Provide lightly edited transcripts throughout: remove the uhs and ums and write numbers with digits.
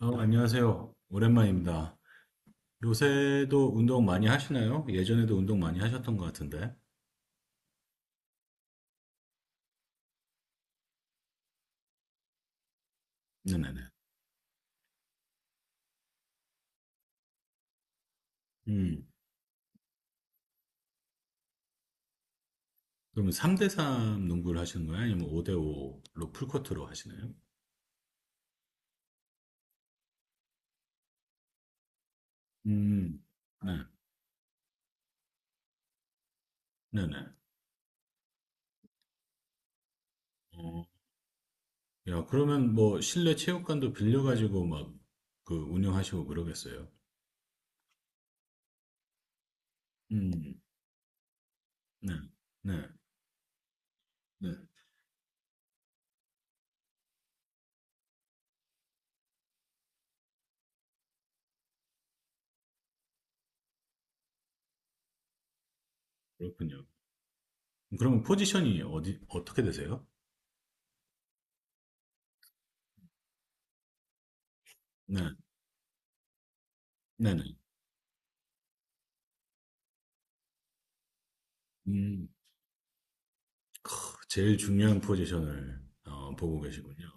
안녕하세요. 오랜만입니다. 요새도 운동 많이 하시나요? 예전에도 운동 많이 하셨던 것 같은데. 네네네. 음, 그러면 3대3 농구를 하시는 거예요? 아니면 5대5로 풀코트로 하시나요? 음, 네, 네네. 어, 야, 그러면 뭐 실내 체육관도 빌려가지고 막 그 운영하시고 그러겠어요? 음, 네, 네, 네. 그렇군요. 그러면 포지션이 어떻게 되세요? 네, 네네. 음. 크, 제일 중요한 포지션을 보고 계시군요.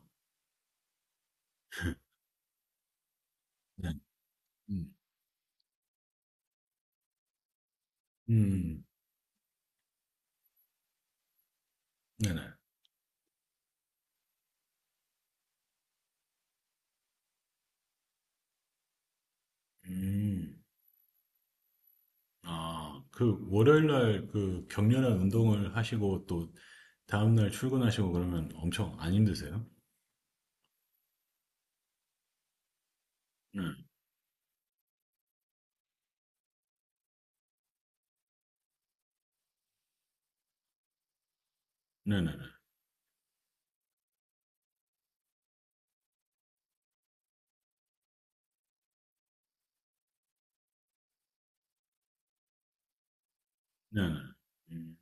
네. 음. 음. 네네. 음. 아, 그 월요일 날그 격렬한 운동을 하시고 또 다음 날 출근하시고 그러면 엄청 안 힘드세요? 네. 네네네. 네네. 음.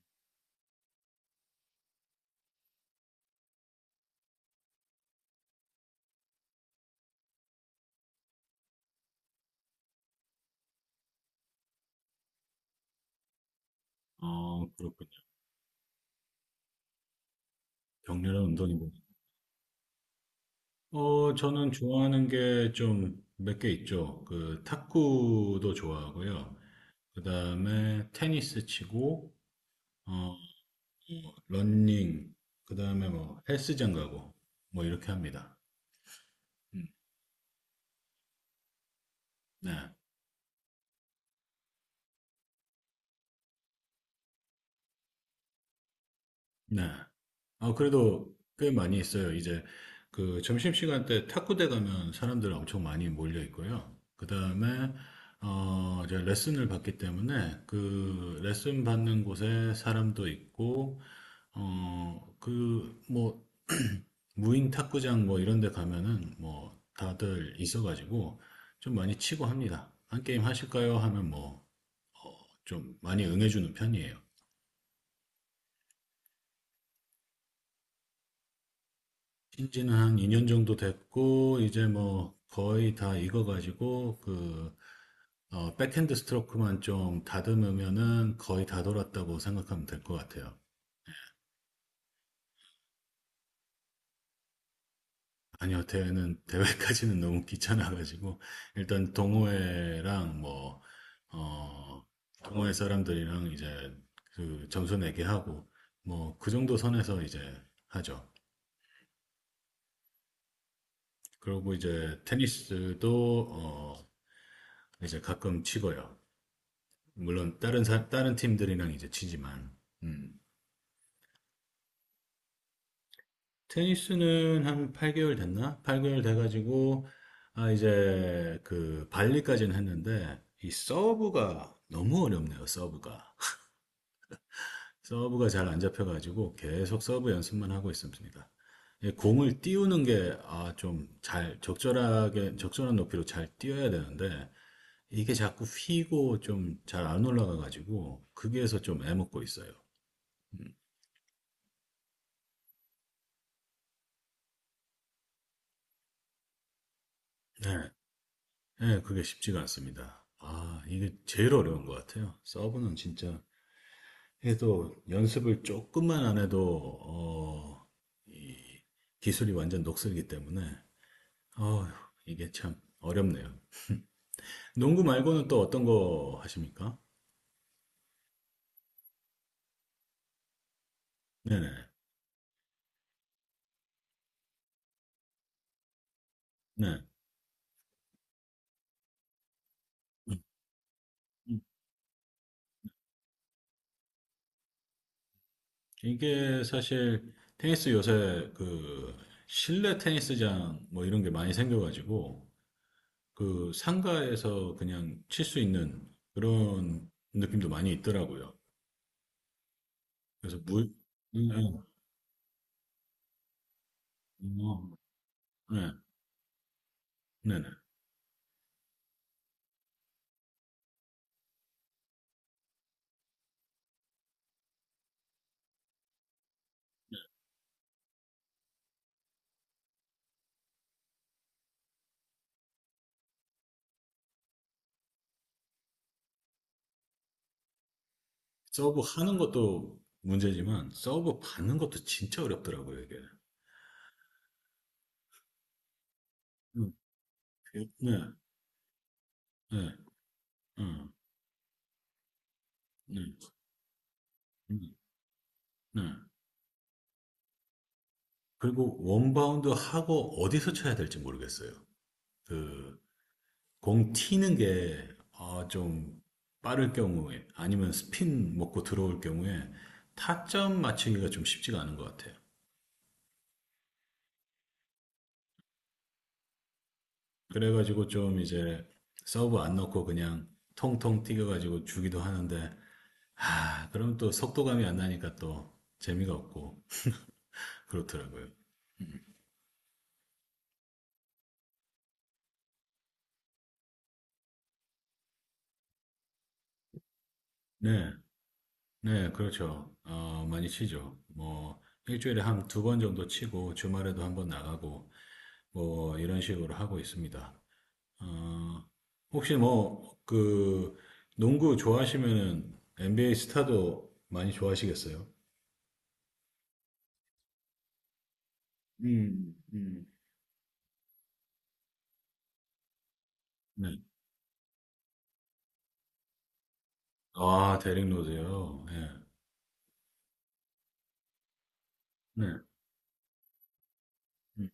아, 그렇군요. 격렬한 운동이군요. 저는 좋아하는 게 좀 몇 개 있죠. 그 탁구도 좋아하고요. 그다음에 테니스 치고 어, 런 러닝, 그다음에 뭐 헬스장 가고 뭐 이렇게 합니다. 음, 네, 네. 아, 그래도 꽤 많이 있어요. 이제 그 점심시간 때 탁구대 가면 사람들 엄청 많이 몰려 있고요. 그다음에 어 이제 레슨을 받기 때문에 그 레슨 받는 곳에 사람도 있고 어 그 뭐 무인 탁구장 뭐 이런 데 가면은 뭐 다들 있어가지고 좀 많이 치고 합니다. 한 게임 하실까요? 하면 뭐 좀 많이 응해주는 편이에요. 신지는 한 2년 정도 됐고, 이제 뭐 거의 다 익어가지고, 그, 백핸드 스트로크만 좀 다듬으면은 거의 다 돌았다고 생각하면 될 것 같아요. 아니요, 대회까지는 너무 귀찮아가지고, 일단 동호회랑 뭐, 어, 동호회 사람들이랑 이제 그 점수 내기 하고, 뭐, 그 정도 선에서 이제 하죠. 그리고 이제 테니스도, 이제 가끔 치고요. 물론 다른 팀들이랑 이제 치지만 음. 테니스는 한 8개월 됐나? 8개월 돼가지고 아 이제 그 발리까지는 했는데 이 서브가 너무 어렵네요. 서브가 잘 안 잡혀가지고 계속 서브 연습만 하고 있습니다. 예, 공을 띄우는 게, 아, 적절하게, 적절한 높이로 잘 띄워야 되는데, 이게 자꾸 휘고 좀 잘 안 올라가가지고, 거기에서 좀 애먹고 있어요. 네. 예, 그게 쉽지가 않습니다. 아, 이게 제일 어려운 것 같아요. 서브는 진짜 해도 연습을 조금만 안 해도, 기술이 완전 녹슬기 때문에, 어, 이게 참 어렵네요. 농구 말고는 또 어떤 거 하십니까? 네네, 네. 음, 음. 이게 사실 테니스 요새 그 실내 테니스장 뭐 이런 게 많이 생겨가지고, 그 상가에서 그냥 칠 수 있는 그런 느낌도 많이 있더라고요. 그래서 물, 음, 어, 네, 네, 네. 서브 하는 것도 문제지만 서브 받는 것도 진짜 어렵더라고요, 이게. 음, 네, 네, 음, 네, 음, 네. 그리고 원바운드 하고 어디서 쳐야 될지 모르겠어요. 그, 공 튀는 게, 아, 좀 빠를 경우에, 아니면 스핀 먹고 들어올 경우에 타점 맞추기가 좀 쉽지가 않은 것 같아요. 그래가지고 좀 이제 서브 안 넣고 그냥 통통 튀겨가지고 주기도 하는데, 아, 그럼 또 속도감이 안 나니까 또 재미가 없고, 그렇더라고요. 네, 네, 그렇죠. 많이 치죠. 뭐, 일주일에 한 두 번 정도 치고, 주말에도 한번 나가고, 뭐, 이런 식으로 하고 있습니다. 어, 혹시 뭐, 그, 농구 좋아하시면은 NBA 스타도 많이 좋아하시겠어요? 음, 음. 네. 아, 데릭 로즈요. 예. 네. 음.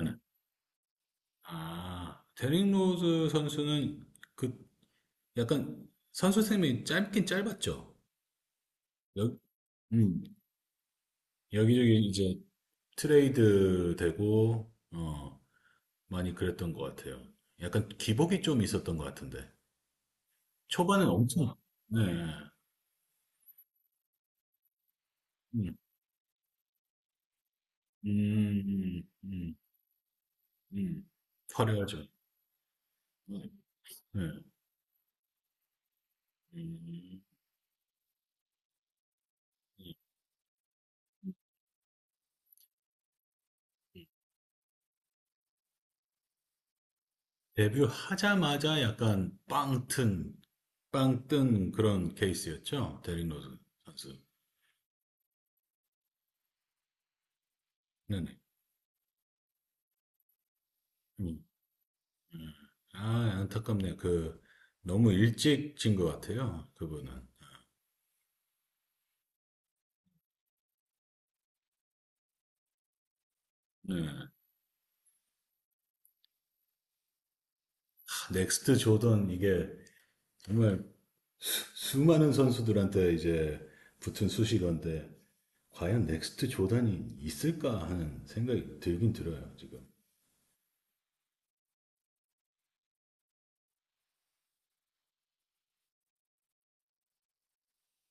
네. 아, 데릭 로즈 선수는 그 약간 선수 생명이 짧긴 짧았죠. 여, 음. 여기저기 이제 트레이드 되고 많이 그랬던 것 같아요. 약간 기복이 좀 있었던 것 같은데 초반엔 엄청 네, 음, 음, 음, 음, 음. 화려하죠. 네, 네. 음. 음. 데뷔하자마자 빵 뜬 그런 케이스였죠. 데릭 로즈 선수. 네네. 음. 음. 아, 안타깝네요. 그, 너무 일찍 진 것 같아요. 그분은. 네. 아, 넥스트 조던, 이게 정말 많은 선수들한테 이제 붙은 수식어인데, 과연 넥스트 조던이 있을까 하는 생각이 들긴 들어요, 지금.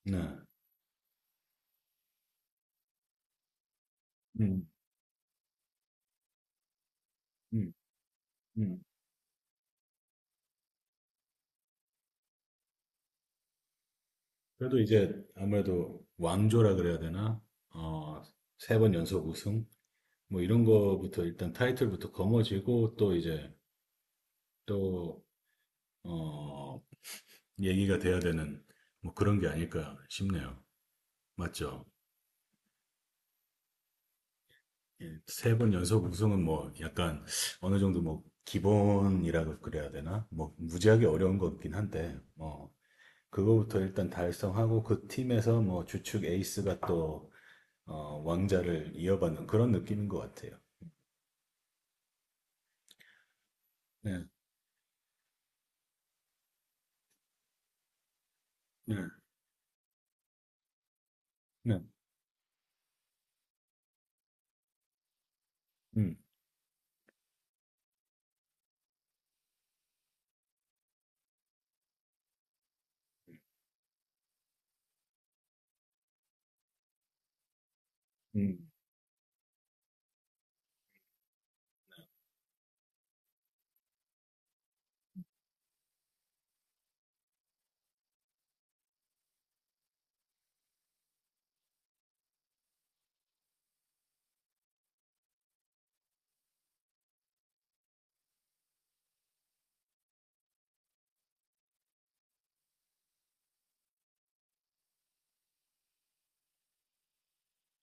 네. 음, 음, 음. 그래도 이제 아무래도 왕조라 그래야 되나? 어, 세 번 연속 우승? 뭐 이런 거부터 일단 타이틀부터 거머쥐고 또 이제 또, 어, 얘기가 돼야 되는 뭐 그런 게 아닐까 싶네요. 맞죠? 세 번 연속 우승은 뭐 약간 어느 정도 뭐 기본이라고 그래야 되나? 뭐 무지하게 어려운 거긴 한데, 뭐 그거부터 일단 달성하고 그 팀에서 뭐 주축 에이스가 또 왕자를 이어받는 그런 느낌인 것 같아요. 네, 네, 네. 음, 음.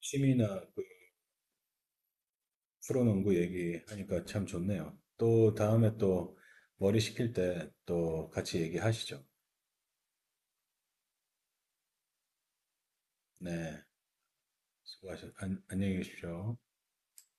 취미나 그 프로농구 얘기하니까 참 좋네요. 또 다음에 또 머리 식힐 때 또 같이 얘기하시죠. 네, 수고하셨, 안, 안녕히 계십시오.